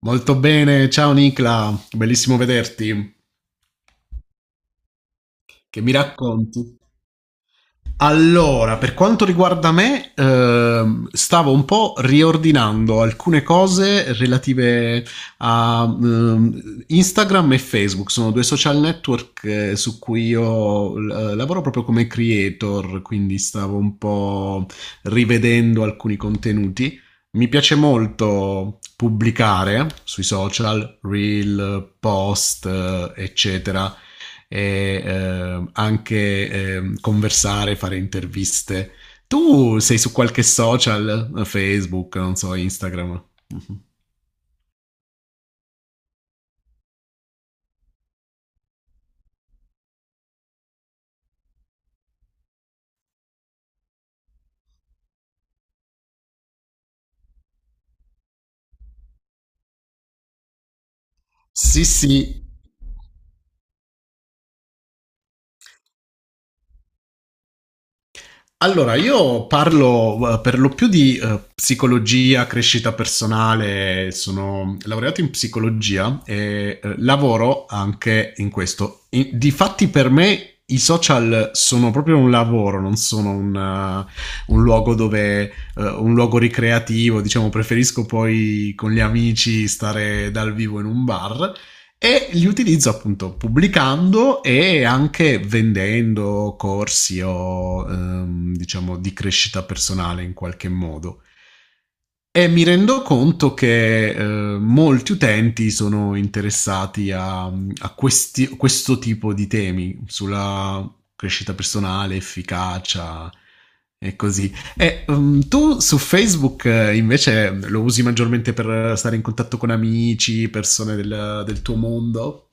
Molto bene, ciao Nicla, bellissimo vederti. Che mi racconti? Allora, per quanto riguarda me, stavo un po' riordinando alcune cose relative a Instagram e Facebook, sono due social network su cui io lavoro proprio come creator, quindi stavo un po' rivedendo alcuni contenuti. Mi piace molto pubblicare sui social, reel, post, eccetera e anche conversare, fare interviste. Tu sei su qualche social, Facebook, non so, Instagram? Mhm. Sì, sì. Allora, io parlo per lo più di psicologia, crescita personale, sono laureato in psicologia e lavoro anche in questo. Difatti per me i social sono proprio un lavoro, non sono un, un luogo dove, un luogo ricreativo, diciamo, preferisco poi con gli amici stare dal vivo in un bar e li utilizzo appunto pubblicando e anche vendendo corsi o diciamo di crescita personale in qualche modo. E mi rendo conto che molti utenti sono interessati a questo tipo di temi sulla crescita personale, efficacia e così e, tu su Facebook invece lo usi maggiormente per stare in contatto con amici, persone del tuo mondo?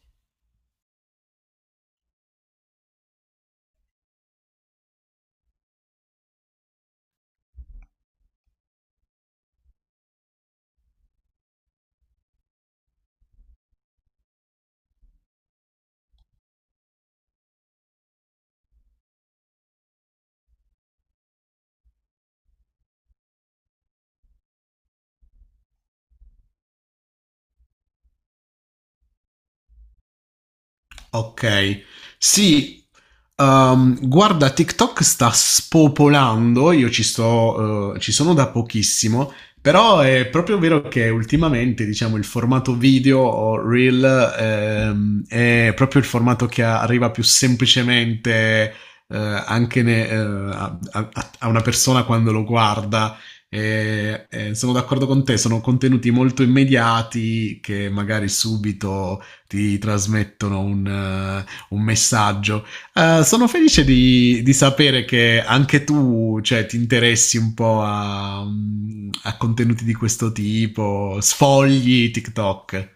Ok. Sì, ehm, guarda, TikTok sta spopolando, io ci sto, ci sono da pochissimo, però è proprio vero che ultimamente, diciamo, il formato video o reel, è proprio il formato che arriva più semplicemente, eh, anche a una persona quando lo guarda. E, sono d'accordo con te, sono contenuti molto immediati che magari subito ti trasmettono un messaggio. Sono felice sapere che anche tu cioè, ti interessi un po' contenuti di questo tipo, sfogli TikTok.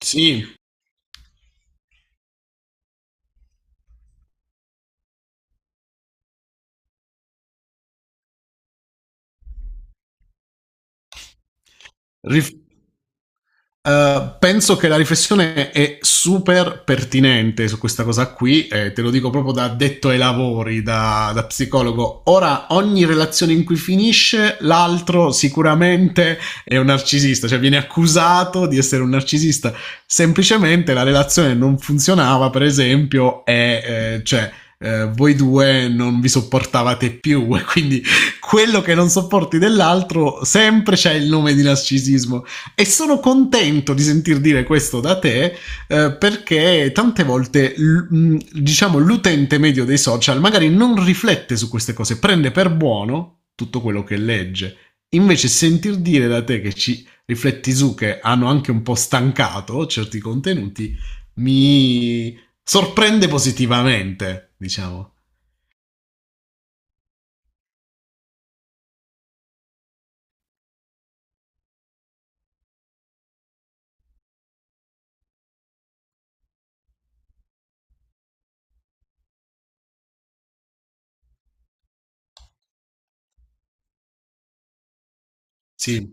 Sì. Rif- Penso che la riflessione è super pertinente su questa cosa qui, te lo dico proprio da detto ai lavori, da psicologo. Ora, ogni relazione in cui finisce, l'altro sicuramente è un narcisista, cioè viene accusato di essere un narcisista. Semplicemente la relazione non funzionava, per esempio, e eh, cioè. Voi due non vi sopportavate più e quindi quello che non sopporti dell'altro sempre c'è il nome di narcisismo e sono contento di sentir dire questo da te perché tante volte diciamo l'utente medio dei social magari non riflette su queste cose, prende per buono tutto quello che legge. Invece sentir dire da te che ci rifletti su che hanno anche un po' stancato certi contenuti mi sorprende positivamente, diciamo. Sì.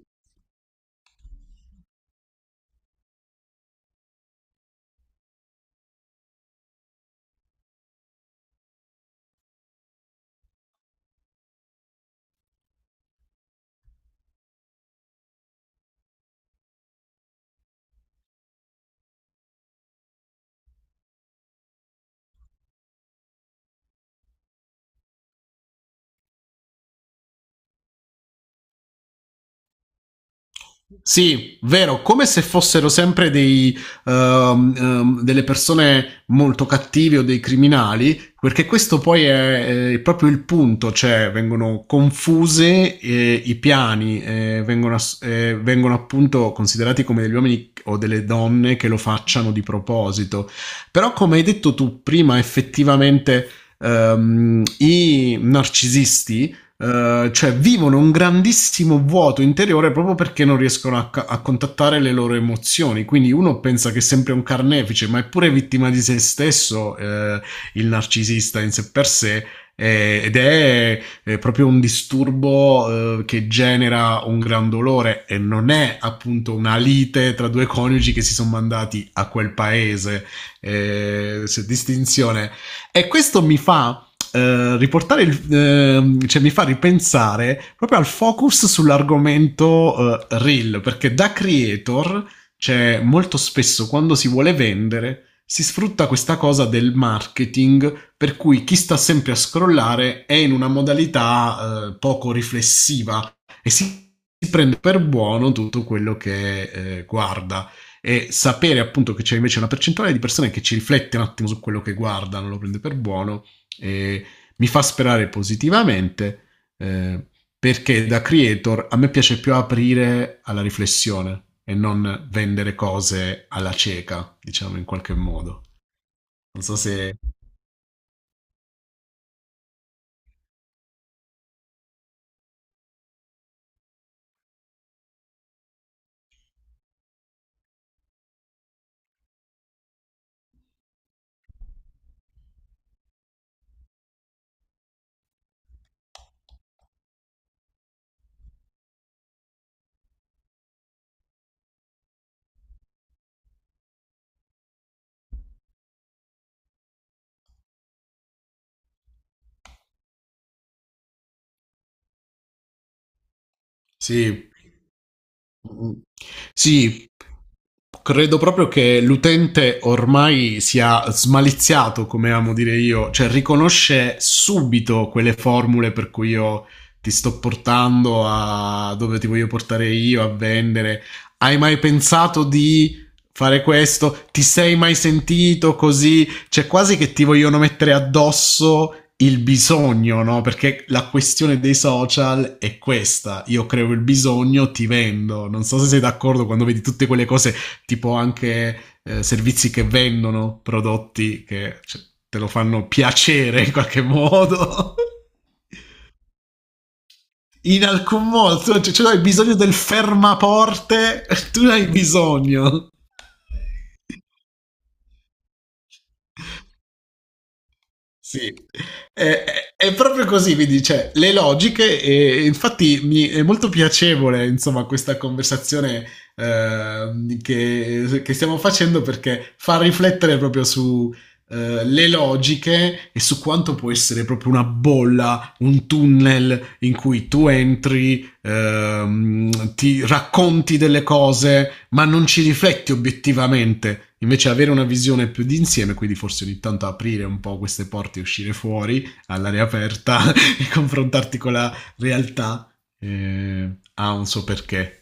Sì, vero, come se fossero sempre dei, delle persone molto cattive o dei criminali, perché questo poi è, proprio il punto, cioè vengono confuse i piani, vengono, vengono appunto considerati come degli uomini o delle donne che lo facciano di proposito. Però come hai detto tu prima, effettivamente i narcisisti cioè vivono un grandissimo vuoto interiore proprio perché non riescono a contattare le loro emozioni. Quindi uno pensa che è sempre un carnefice, ma è pure vittima di se stesso il narcisista in sé per sé. Ed è proprio un disturbo che genera un gran dolore e non è appunto una lite tra due coniugi che si sono mandati a quel paese, distinzione. E questo mi fa riportare il, cioè mi fa ripensare proprio al focus sull'argomento reel, perché da creator, cioè molto spesso quando si vuole vendere, si sfrutta questa cosa del marketing, per cui chi sta sempre a scrollare è in una modalità poco riflessiva e si prende per buono tutto quello che guarda e sapere appunto che c'è invece una percentuale di persone che ci riflette un attimo su quello che guarda, non lo prende per buono e, mi fa sperare positivamente eh, perché da creator a me piace più aprire alla riflessione e non vendere cose alla cieca, diciamo in qualche modo. Non so se... Sì, mm. Sì, credo proprio che l'utente ormai sia smaliziato, come amo dire io, cioè riconosce subito quelle formule per cui io ti sto portando a dove ti voglio portare io a vendere. Hai mai pensato di fare questo? Ti sei mai sentito così? C'è quasi che ti vogliono mettere addosso il bisogno, no? Perché la questione dei social è questa. Io creo il bisogno, ti vendo. Non so se sei d'accordo quando vedi tutte quelle cose, tipo anche servizi che vendono prodotti che cioè, te lo fanno piacere in qualche modo. In alcun modo, cioè tu hai bisogno del fermaporte, tu ne hai bisogno. Sì, è, è- è proprio così, quindi cioè, le logiche e infatti mi è molto piacevole insomma questa conversazione che stiamo facendo perché fa riflettere proprio su le logiche e su quanto può essere proprio una bolla, un tunnel in cui tu entri ti racconti delle cose, ma non ci rifletti obiettivamente. Invece avere una visione più d'insieme, quindi forse ogni tanto aprire un po' queste porte e uscire fuori all'aria aperta e confrontarti con la realtà ha un suo perché.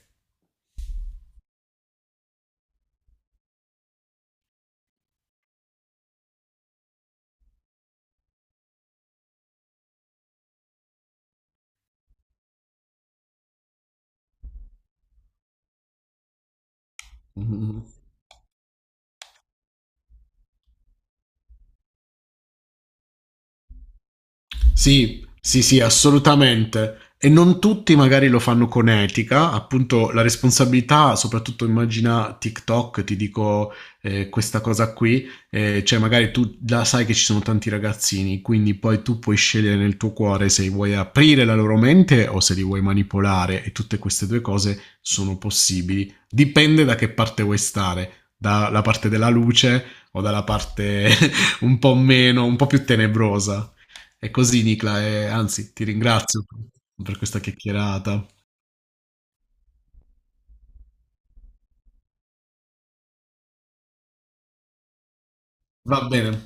Sì, sì, sì, assolutamente. E non tutti magari lo fanno con etica, appunto la responsabilità, soprattutto immagina TikTok, ti dico questa cosa qui, cioè magari tu la sai che ci sono tanti ragazzini, quindi poi tu puoi scegliere nel tuo cuore se vuoi aprire la loro mente o se li vuoi manipolare e tutte queste due cose sono possibili. Dipende da che parte vuoi stare, dalla parte della luce o dalla parte un po' meno, un po' più tenebrosa. È così, Nicla, e anzi, ti ringrazio per questa chiacchierata. Va bene.